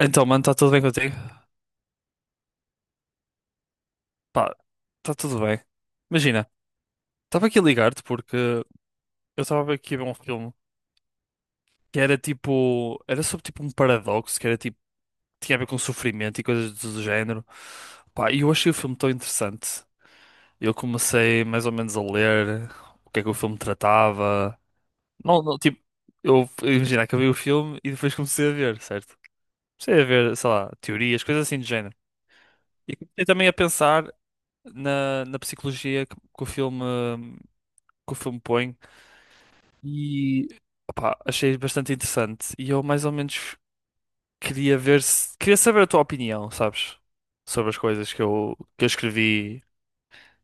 Então, mano, está tudo bem contigo? Pá, está tudo bem. Imagina, estava aqui a ligar-te porque eu estava aqui a ver um filme que era tipo. Era sobre tipo um paradoxo, que era tipo. Tinha a ver com sofrimento e coisas do género. Pá, e eu achei o filme tão interessante. Eu comecei mais ou menos a ler o que é que o filme tratava. Não, não, tipo. Imagina, acabei o filme e depois comecei a ver, certo? Comecei a ver, sei lá, teorias, coisas assim do género. E comecei também a pensar na psicologia que o filme põe e opá, achei bastante interessante. E eu mais ou menos queria ver se queria saber a tua opinião, sabes? Sobre as coisas que eu escrevi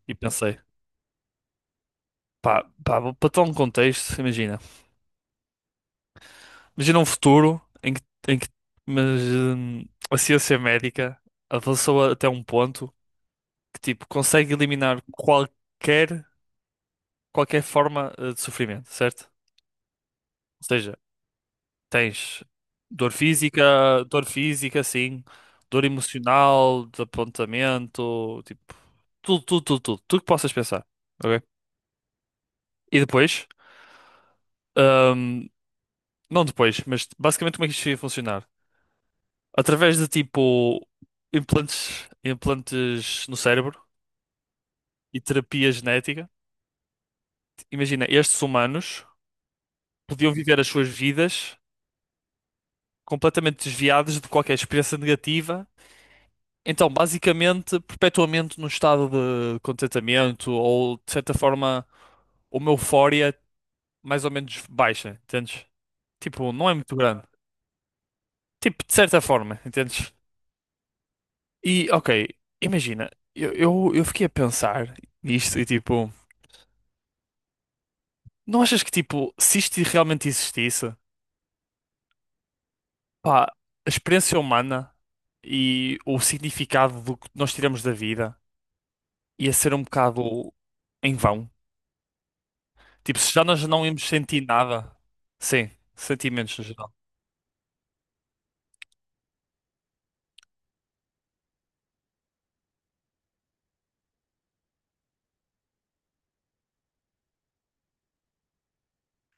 e pensei. Para tal um contexto, imagina. Imagina um futuro em que mas, hum, a ciência médica avançou até um ponto que tipo consegue eliminar qualquer forma de sofrimento, certo? Ou seja, tens dor física, sim, dor emocional, de apontamento, tipo, tudo, tudo, tudo, tudo, tudo que possas pensar. Ok? E depois, hum, não depois, mas basicamente como é que isto ia funcionar? Através de tipo implantes no cérebro e terapia genética. Imagina, estes humanos podiam viver as suas vidas completamente desviados de qualquer experiência negativa. Então, basicamente, perpetuamente num estado de contentamento ou, de certa forma, uma eufória mais ou menos baixa, entendes? Tipo, não é muito grande. Tipo, de certa forma, entendes? E, ok, imagina, eu fiquei a pensar nisto e, tipo, não achas que, tipo, se isto realmente existisse, pá, a experiência humana e o significado do que nós tiramos da vida ia ser um bocado em vão? Tipo, se já nós não íamos sentir nada. Sim, sentimentos no geral.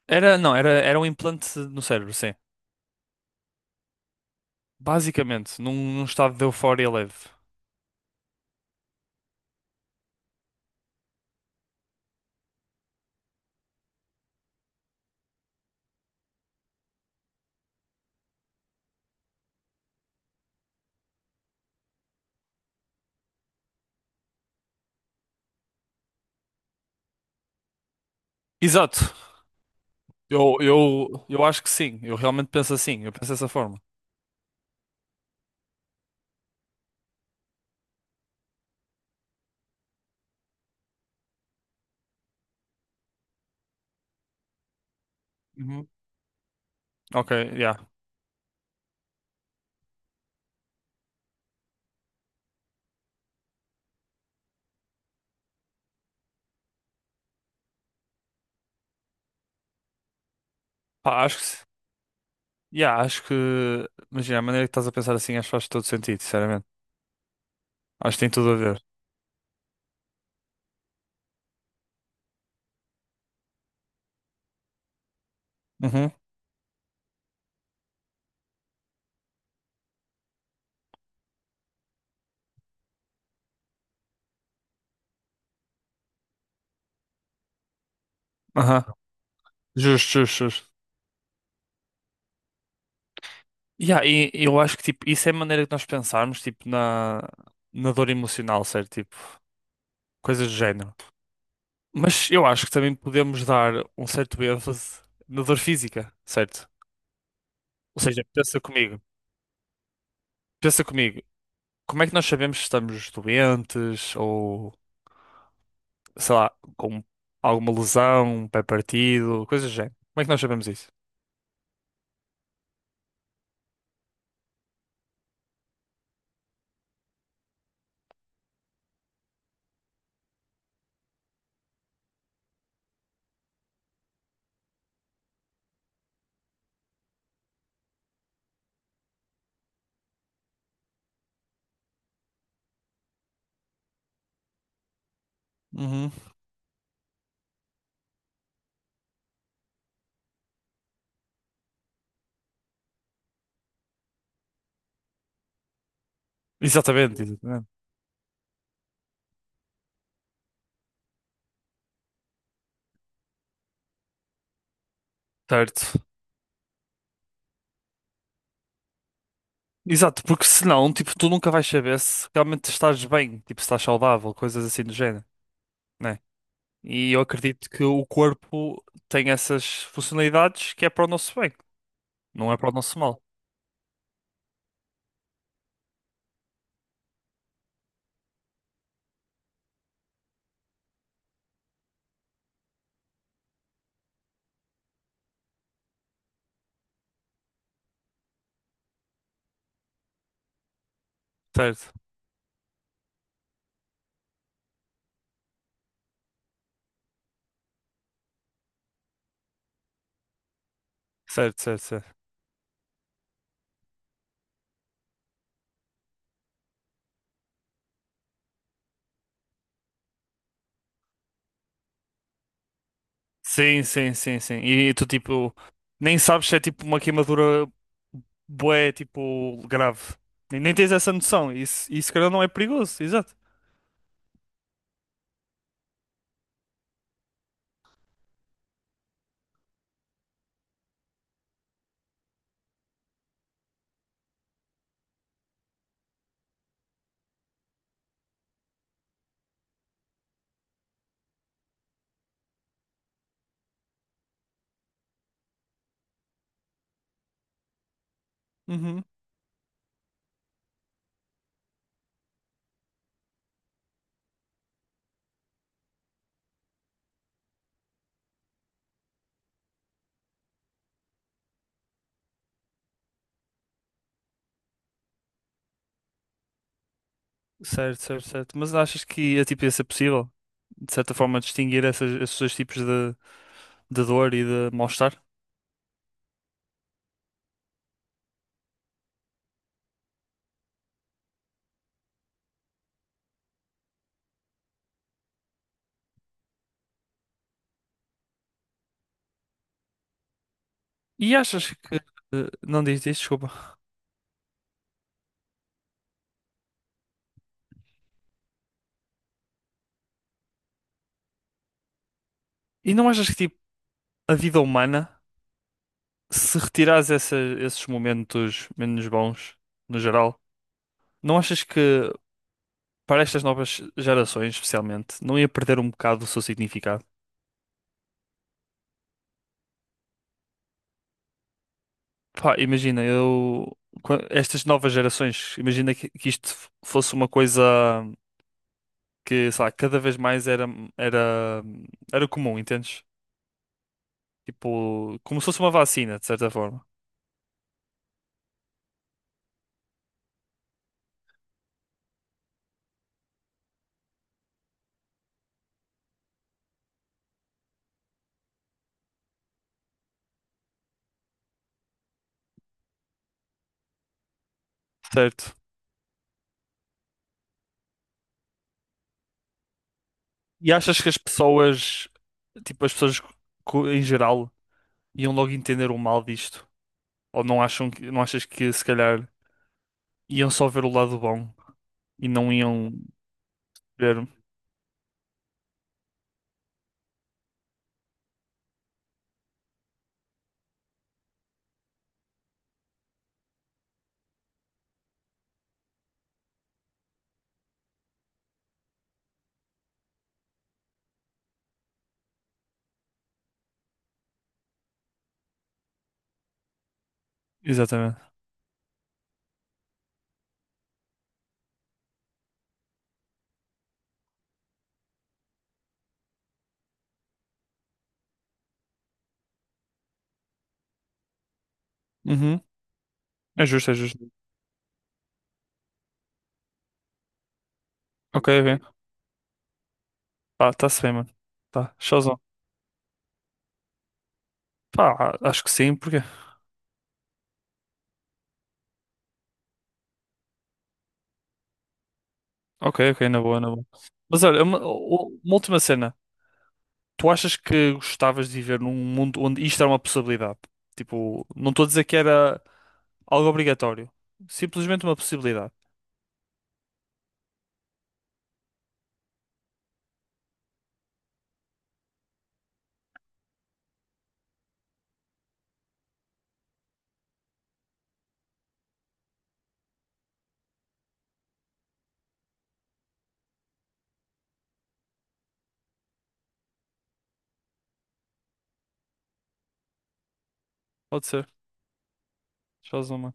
Era, não, era, era um implante no cérebro, sim. Basicamente, num estado de euforia leve. Exato. Eu acho que sim. Eu realmente penso assim. Eu penso dessa forma. Uhum. Ok, yeah. Pá, acho que, se- Yeah, acho que, imagina, a maneira que estás a pensar assim, acho que faz todo sentido, sinceramente. Acho que tem tudo a ver. Uhum. Aham. Justo, justo, justo. Yeah, e eu acho que, tipo, isso é a maneira que nós pensarmos, tipo, na dor emocional, certo? Tipo, coisas do género. Mas eu acho que também podemos dar um certo ênfase na dor física, certo? Ou seja, pensa comigo, como é que nós sabemos se estamos doentes ou, sei lá, com alguma lesão, um pé partido, coisas do género? Como é que nós sabemos isso? Uhum. Exatamente, exatamente. Certo. Exato, porque senão, tipo, tu nunca vais saber se realmente estás bem, tipo, se estás saudável, coisas assim do género, né? E eu acredito que o corpo tem essas funcionalidades que é para o nosso bem. Não é para o nosso mal. Certo, certo, certo, certo. Sim, sim, sim, sim. E tu, tipo, nem sabes se é tipo uma queimadura bué, tipo, grave. Nem tens essa noção. Isso, se calhar, não é perigoso, exato. Uhum. Certo, certo, certo. Mas achas que é, tipo, ia ser possível, de certa forma, distinguir esses dois tipos de dor e de mal-estar? Não diz, diz, desculpa. E não achas que tipo, a vida humana, se retirares esses momentos menos bons, no geral, não achas que para estas novas gerações, especialmente, não ia perder um bocado do seu significado? Pá, imagina, eu. Qua- Estas novas gerações, imagina que isto fosse uma coisa que, sei lá, cada vez mais era, era comum, entendes? Tipo, como se fosse uma vacina, de certa forma. Certo. E achas que as pessoas em geral iam logo entender o mal disto? Ou não acham que, não achas que se calhar iam só ver o lado bom e não iam ver. Exatamente. Uhum. É justo, é justo. Ok, ok. Pá, tá-se bem, mano. Tá, showzão. Pá, acho que sim, porque. Ok, ok, na boa, na boa. Mas olha, uma última cena. Tu achas que gostavas de viver num mundo onde isto era uma possibilidade? Tipo, não estou a dizer que era algo obrigatório. Simplesmente uma possibilidade. Pode ser. Showzão, mano.